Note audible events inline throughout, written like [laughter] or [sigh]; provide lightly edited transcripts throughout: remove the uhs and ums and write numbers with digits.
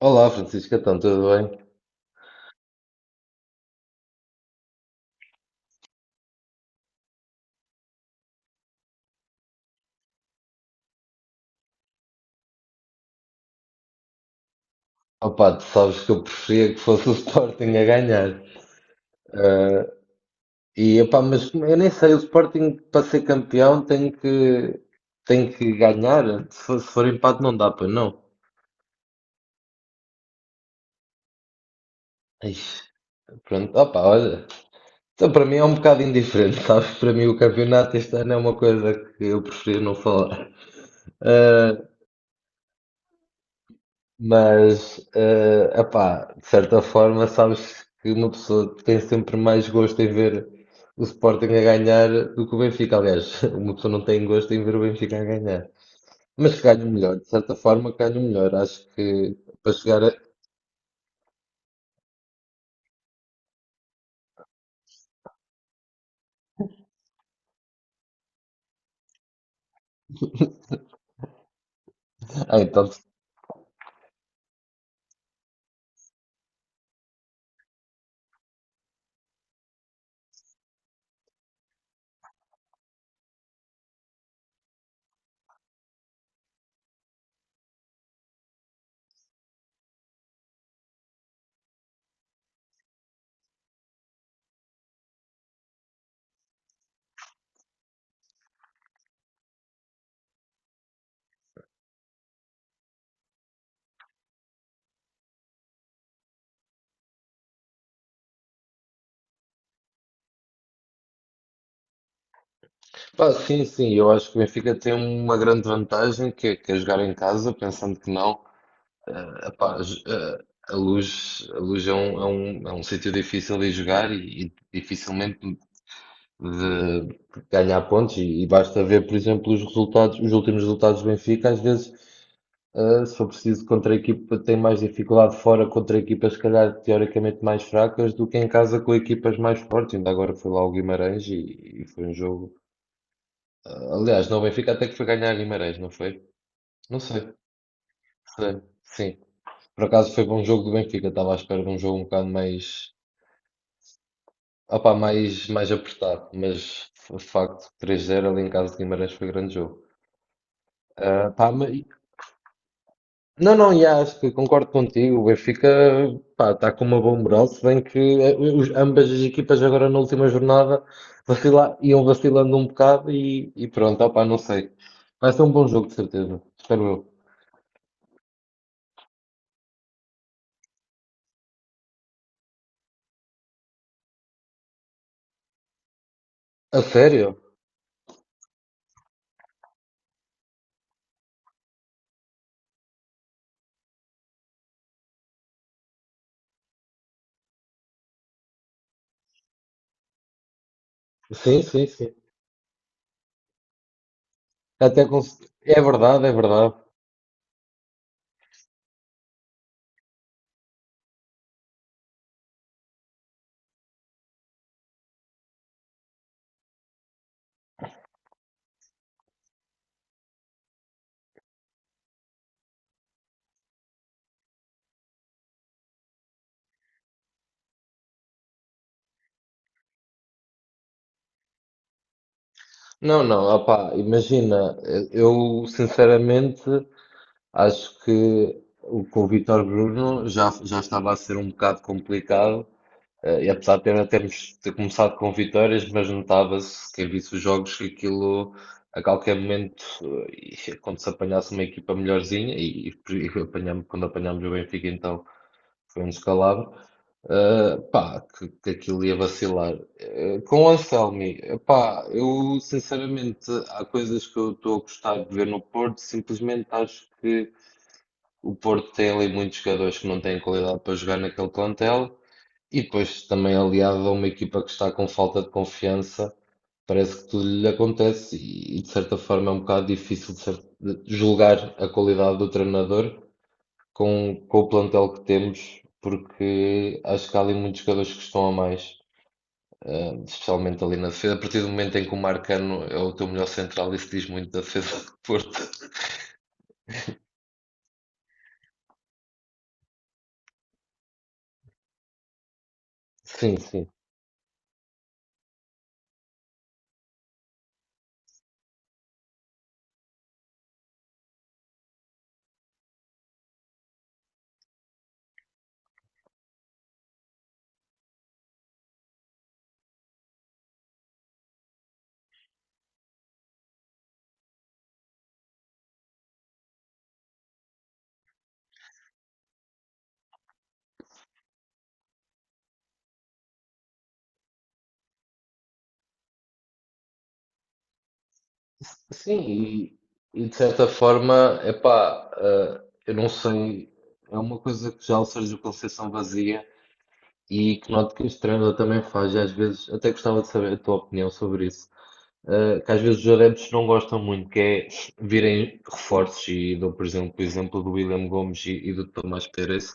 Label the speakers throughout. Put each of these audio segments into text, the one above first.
Speaker 1: Olá Francisco, então tudo bem? Opá, tu sabes que eu preferia que fosse o [laughs] Sporting a ganhar. Ah, mas eu nem sei, o Sporting para ser tem que ganhar. Se for empate não dá para não. Ai, pronto, opá, olha. Então para mim é um bocado indiferente, [laughs] sabes? Para mim o campeonato este ano é uma coisa que eu prefiro não falar. Ah, Epá, de certa forma, sabes que uma pessoa tem sempre mais gosto em ver o Sporting a ganhar do que o Benfica. Aliás, [laughs] uma pessoa não tem gosto em ver o Benfica a ganhar. Mas que ganha melhor, de certa forma, que ganha melhor. Acho que para chegar a. [laughs] Ah, então, pá, sim, sim, eu acho que o Benfica tem uma grande vantagem, que é jogar em casa, pensando que não. eh, epá, j- eh, a Luz, A Luz é é um sítio difícil de jogar e dificilmente de ganhar pontos e basta ver, por exemplo, os últimos resultados do Benfica, às vezes, se for preciso contra a equipa, tem mais dificuldade fora contra equipas, se calhar, teoricamente mais fracas do que em casa com equipas mais fortes. Ainda agora foi lá o Guimarães e foi um jogo. Aliás, não, o Benfica até que foi ganhar a Guimarães, não foi? Não sei. Sim. Por acaso foi bom jogo do Benfica, estava à espera de um jogo um bocado mais apertado, mas de facto 3-0 ali em casa de Guimarães foi grande jogo. Ah, pá, mas- Não, não, e acho que concordo contigo. O Benfica, pá, está com uma boa moral, se bem que ambas as equipas agora na última jornada iam vacilando um bocado e pronto, opá, não sei. Vai ser um bom jogo, de certeza, espero eu. A sério? Sim, sim, sim. Até com... É verdade, é verdade. Não, não, opá, imagina, eu sinceramente acho com o Vítor Bruno já, já estava a ser um bocado complicado. E apesar de ainda termos ter começado com vitórias, mas notava-se, quem visse os jogos, que aquilo a qualquer momento, e quando se apanhasse uma equipa melhorzinha, e apanhamos, quando apanhámos o Benfica, então foi um descalabro, pá, que aquilo ia vacilar. Com o Anselmi, pá, eu sinceramente, há coisas que eu estou a gostar de ver no Porto, simplesmente acho que o Porto tem ali muitos jogadores que não têm qualidade para jogar naquele plantel. E depois também aliado a uma equipa que está com falta de confiança, parece que tudo lhe acontece e, de certa forma é um bocado difícil de de julgar a qualidade do treinador com o plantel que temos, porque acho que há ali muitos jogadores que estão a mais, especialmente ali na defesa. A partir do momento em que o Marcano é o teu melhor central, isso diz muito da defesa do Porto. Sim, sim. Sim, e de certa forma, epá, eu não sei, é uma coisa que já o Sérgio Conceição vazia e que noto que este treinador também faz, e às vezes, até gostava de saber a tua opinião sobre isso, que às vezes os adeptos não gostam muito, que é virem reforços, e dou, por exemplo, o exemplo do William Gomes e do Tomás Pérez,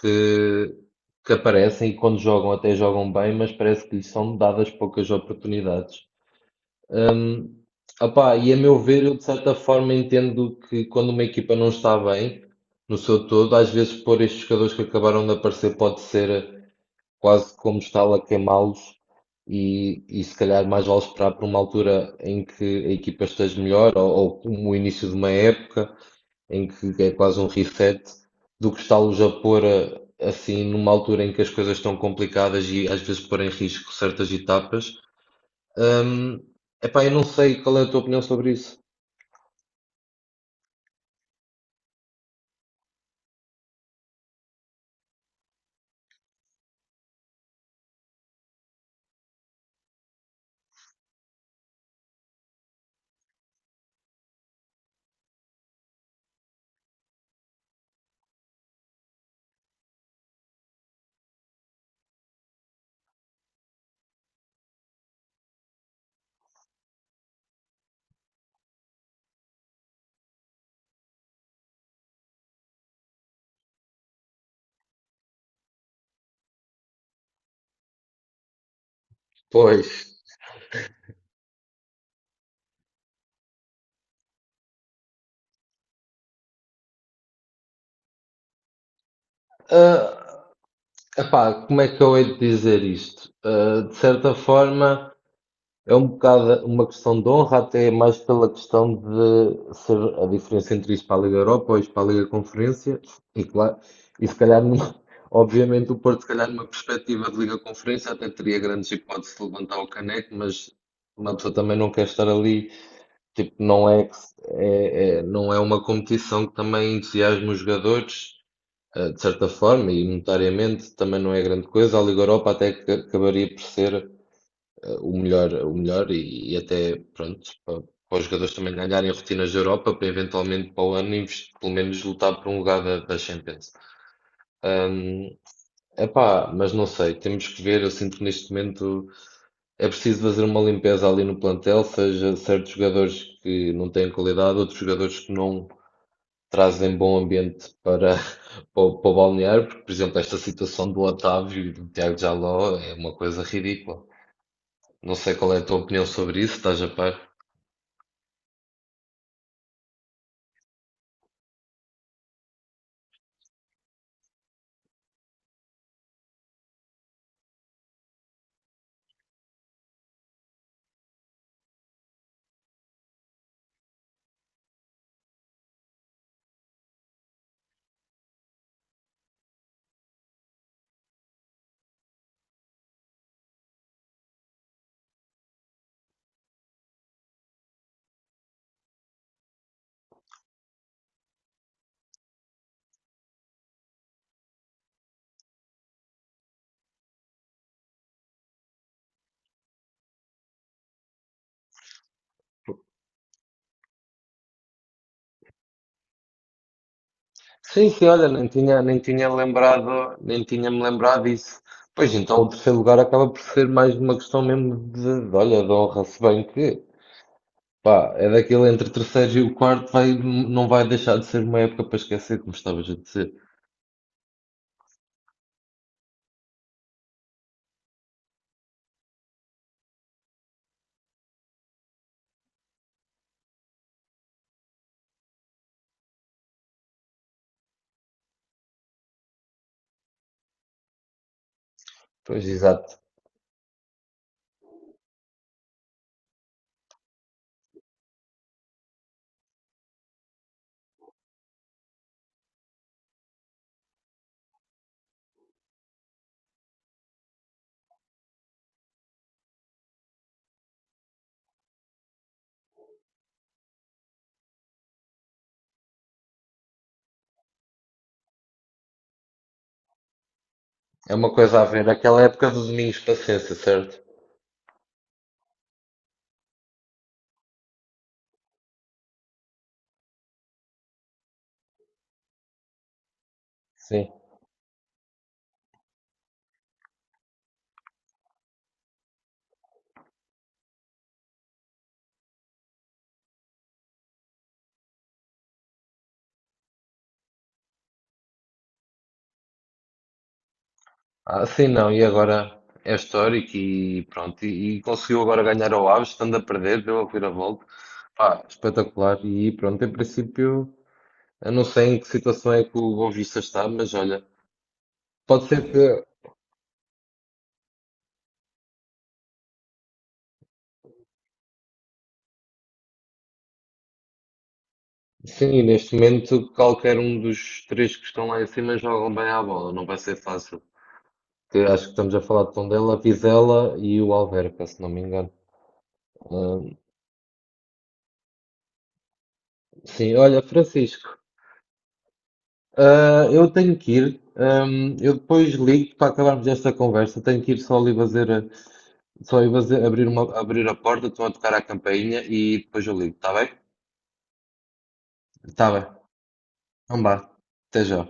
Speaker 1: que, que aparecem e quando jogam até jogam bem, mas parece que lhes são dadas poucas oportunidades. Hum, opá, e a meu ver, eu de certa forma entendo que quando uma equipa não está bem, no seu todo, às vezes pôr estes jogadores que acabaram de aparecer pode ser quase como estar a queimá-los e se calhar mais vale esperar por uma altura em que a equipa esteja melhor ou como o início de uma época em que é quase um reset do que está-los a pôr assim numa altura em que as coisas estão complicadas e às vezes pôr em risco certas etapas. Hum, epá, eu não sei qual é a tua opinião sobre isso. Pois, Ah, epá, como é que eu hei de dizer isto? Ah, de certa forma, é um bocado uma questão de honra, até mais pela questão de ser a diferença entre isto para a Liga Europa ou isto para a Liga Conferência, e claro, e se calhar, [laughs] obviamente, o Porto, se calhar, numa perspectiva de Liga Conferência, até teria grandes hipóteses de levantar o caneco, mas uma pessoa também não quer estar ali. Tipo, não é, não é uma competição que também entusiasma os jogadores, de certa forma, e monetariamente também não é grande coisa. A Liga Europa até que acabaria por ser o melhor e até, pronto, para, para os jogadores também ganharem rotinas da Europa, para eventualmente para o ano, pelo menos lutar por um lugar da, da Champions. Ahm, epá, mas não sei, temos que ver. Eu sinto que neste momento. É preciso fazer uma limpeza ali no plantel, seja certos jogadores que não têm qualidade, outros jogadores que não trazem bom ambiente para, [laughs] para o balneário, porque, por exemplo, esta situação do Otávio e do Tiago Jaló é uma coisa ridícula. Não sei qual é a tua opinião sobre isso, estás a par? Sim, sim, olha, nem tinha-me lembrado disso. Pois então, o terceiro lugar acaba por ser mais uma questão mesmo de olha, de honra, se bem que pá, é daquele entre o terceiro e o quarto, vai, não vai deixar de ser uma época para esquecer, como estavas a dizer. Pois, exato. É uma coisa a ver. Aquela época do Domingos Paciência, certo? Sim. Ah, sim, não. E agora é histórico e pronto. E conseguiu agora ganhar ao Aves, estando a perder, deu a vira-volta. Pá, espetacular. E pronto, em princípio, eu não sei em que situação é que o Boa está, mas olha, pode ser que, sim, neste momento, qualquer um dos três que estão lá em cima jogam bem à bola. Não vai ser fácil. Que acho que estamos a falar de Tondela, Vizela e o Alverca, se não me engano. Ah, sim, olha, Francisco, ah, eu tenho que ir. Eu depois ligo para acabarmos esta conversa. Tenho que ir só ali só ir fazer, abrir a porta, estão a tocar a campainha e depois eu ligo, está bem? Está bem. Então vá. Até já.